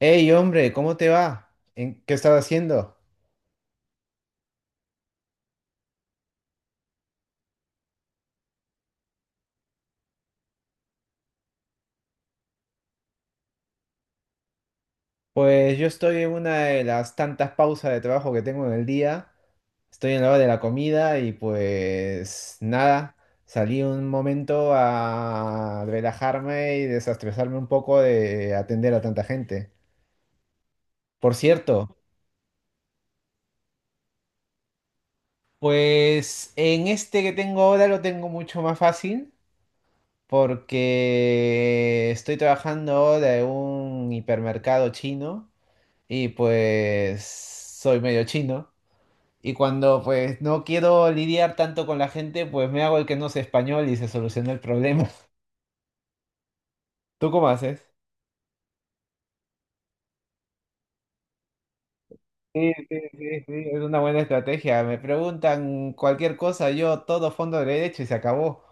Hey, hombre, ¿cómo te va? ¿En qué estás haciendo? Pues yo estoy en una de las tantas pausas de trabajo que tengo en el día. Estoy en la hora de la comida y pues nada, salí un momento a relajarme y desestresarme un poco de atender a tanta gente. Por cierto, pues en este que tengo ahora lo tengo mucho más fácil porque estoy trabajando de un hipermercado chino. Y pues soy medio chino. Y cuando pues no quiero lidiar tanto con la gente, pues me hago el que no sé español y se soluciona el problema. ¿Tú cómo haces? Sí, sí, sí, sí, es una buena estrategia. Me preguntan cualquier cosa, yo todo fondo derecho y se acabó.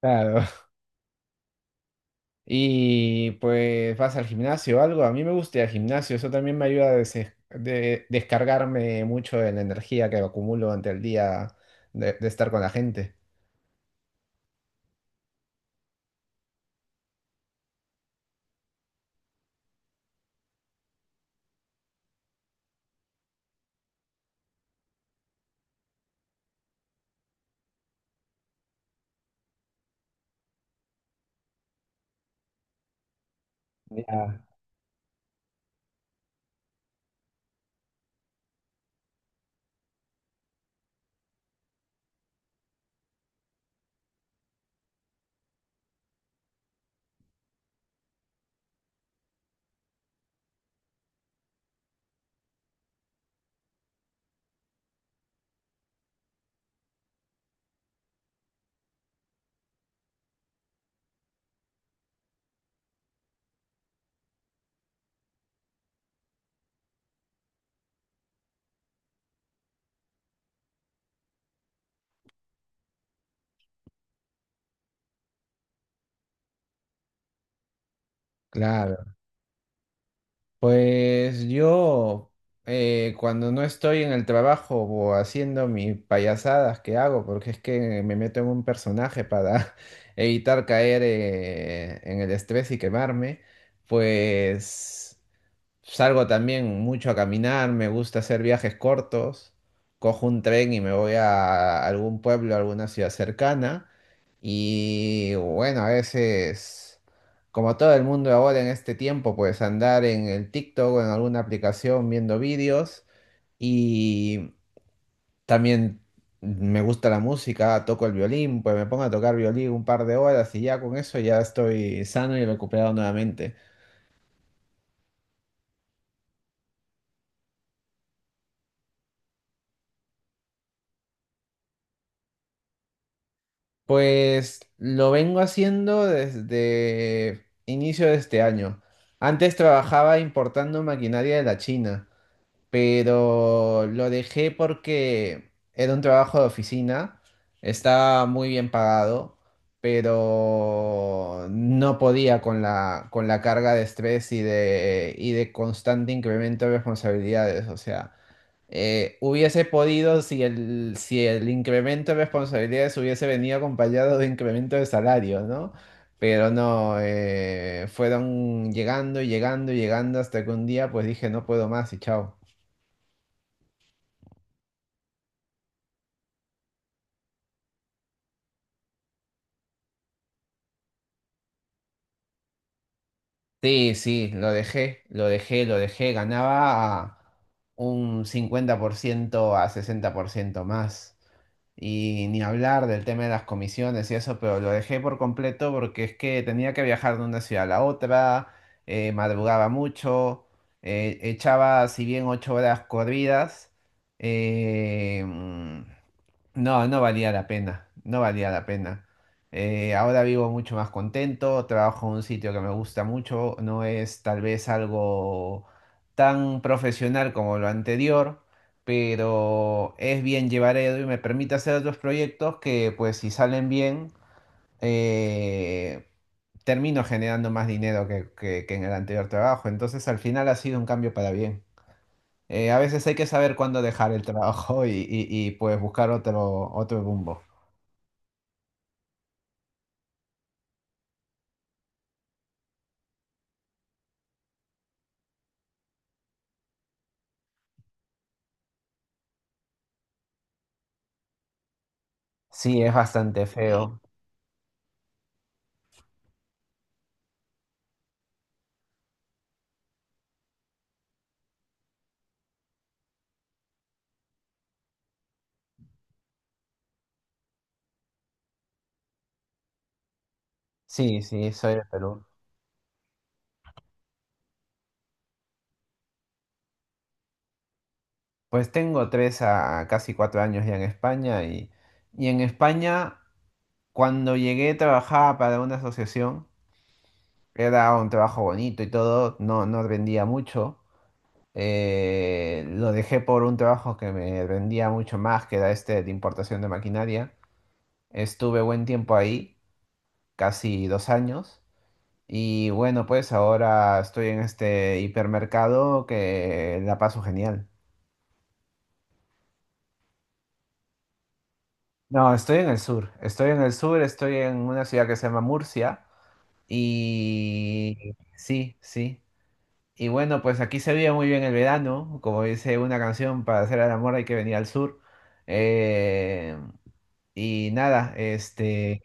Claro. Y pues vas al gimnasio o algo. A mí me gusta ir al gimnasio, eso también me ayuda a descargarme mucho de la energía que acumulo ante el día de estar con la gente. Ya. Claro. Pues yo, cuando no estoy en el trabajo o haciendo mis payasadas que hago, porque es que me meto en un personaje para evitar caer en el estrés y quemarme, pues salgo también mucho a caminar, me gusta hacer viajes cortos. Cojo un tren y me voy a algún pueblo, a alguna ciudad cercana. Y bueno, a veces, como todo el mundo ahora en este tiempo, pues andar en el TikTok o en alguna aplicación viendo vídeos. Y también me gusta la música, toco el violín, pues me pongo a tocar violín un par de horas y ya con eso ya estoy sano y recuperado nuevamente. Pues lo vengo haciendo desde inicio de este año. Antes trabajaba importando maquinaria de la China, pero lo dejé porque era un trabajo de oficina, estaba muy bien pagado, pero no podía con la carga de estrés y de constante incremento de responsabilidades. O sea, hubiese podido si el incremento de responsabilidades hubiese venido acompañado de incremento de salario, ¿no? Pero no, fueron llegando y llegando y llegando hasta que un día pues dije no puedo más y chao. Sí, sí, lo dejé, lo dejé, lo dejé, ganaba un 50% a 60% más. Y ni hablar del tema de las comisiones y eso, pero lo dejé por completo porque es que tenía que viajar de una ciudad a la otra, madrugaba mucho, echaba si bien 8 horas corridas, eh, mm, no, no valía la pena, no valía la pena. Ahora vivo mucho más contento, trabajo en un sitio que me gusta mucho, no es tal vez algo tan profesional como lo anterior, pero es bien llevar a y me permite hacer otros proyectos que pues si salen bien, eh, termino generando más dinero que en el anterior trabajo. Entonces al final ha sido un cambio para bien. A veces hay que saber cuándo dejar el trabajo pues buscar otro rumbo. Sí, es bastante, sí, feo. Sí, sí, soy de Perú. Pues tengo 3 a casi 4 años ya en España y en España cuando llegué trabajaba para una asociación. Era un trabajo bonito y todo, no, no rendía mucho. Lo dejé por un trabajo que me rendía mucho más, que era este de importación de maquinaria. Estuve buen tiempo ahí, casi 2 años. Y bueno, pues ahora estoy en este hipermercado que la paso genial. No, estoy en el sur. Estoy en el sur, estoy en una ciudad que se llama Murcia. Y sí, sí. Y bueno, pues aquí se vive muy bien el verano, como dice una canción, para hacer el amor hay que venir al sur. Eh, y nada, este,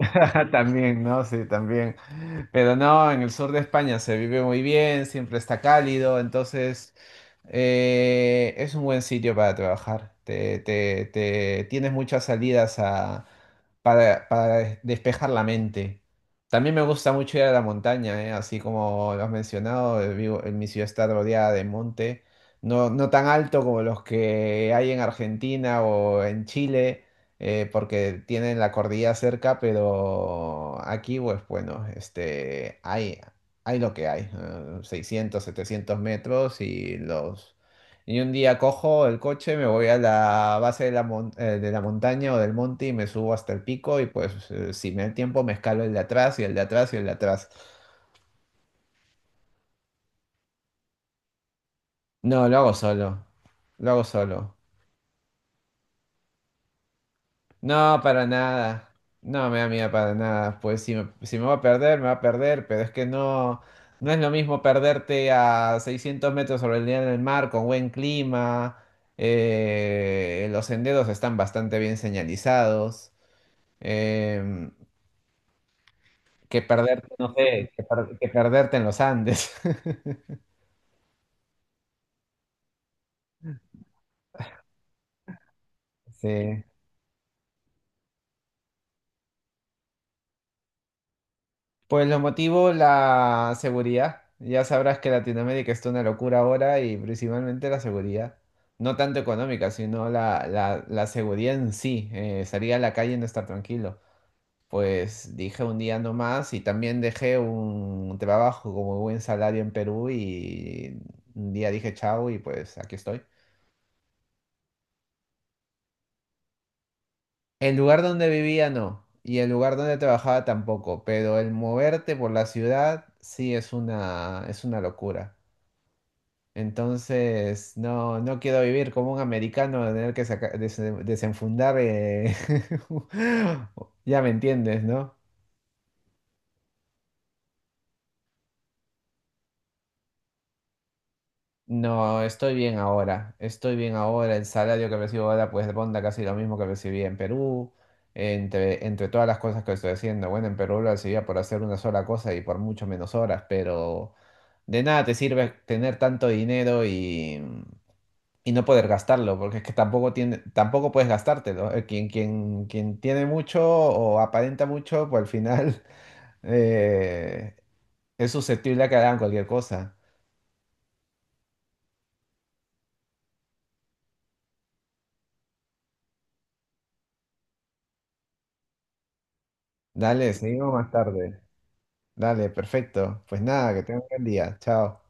también, ¿no? Sí, también. Pero no, en el sur de España se vive muy bien, siempre está cálido, entonces es un buen sitio para trabajar. Tienes muchas salidas para despejar la mente. También me gusta mucho ir a la montaña, ¿eh? Así como lo has mencionado, vivo, en mi ciudad está rodeada de monte, no, no tan alto como los que hay en Argentina o en Chile, porque tienen la cordillera cerca, pero aquí, pues bueno, este, hay lo que hay, 600, 700 metros y los... Y un día cojo el coche, me voy a la base de la montaña o del monte y me subo hasta el pico y pues si me da el tiempo me escalo el de atrás y el de atrás y el de atrás. No, lo hago solo, lo hago solo. No, para nada. No me da miedo para nada. Pues si me va a perder, me va a perder, pero es que no, no es lo mismo perderte a 600 metros sobre el nivel del mar con buen clima. Los senderos están bastante bien señalizados. em, que perderte, no sé, que perderte en los Andes. Sí. Pues los motivos, la seguridad. Ya sabrás que Latinoamérica está una locura ahora y principalmente la seguridad. No tanto económica, sino la seguridad en sí. Salir a la calle y no estar tranquilo. Pues dije un día no más y también dejé un trabajo como buen salario en Perú y un día dije chao y pues aquí estoy. El lugar donde vivía no, y el lugar donde trabajaba tampoco, pero el moverte por la ciudad sí es una locura. Entonces, no, no quiero vivir como un americano, de tener que desenfundar. Ya me entiendes, ¿no? No, estoy bien ahora. Estoy bien ahora. El salario que recibo ahora, pues ronda casi lo mismo que recibí en Perú. Entre todas las cosas que estoy haciendo. Bueno, en Perú lo recibía por hacer una sola cosa y por mucho menos horas, pero de nada te sirve tener tanto dinero y no poder gastarlo, porque es que tampoco tiene, tampoco puedes gastártelo. Quien tiene mucho o aparenta mucho, pues al final eh, es susceptible a que hagan cualquier cosa. Dale, seguimos más tarde. Dale, perfecto. Pues nada, que tengan un buen día. Chao.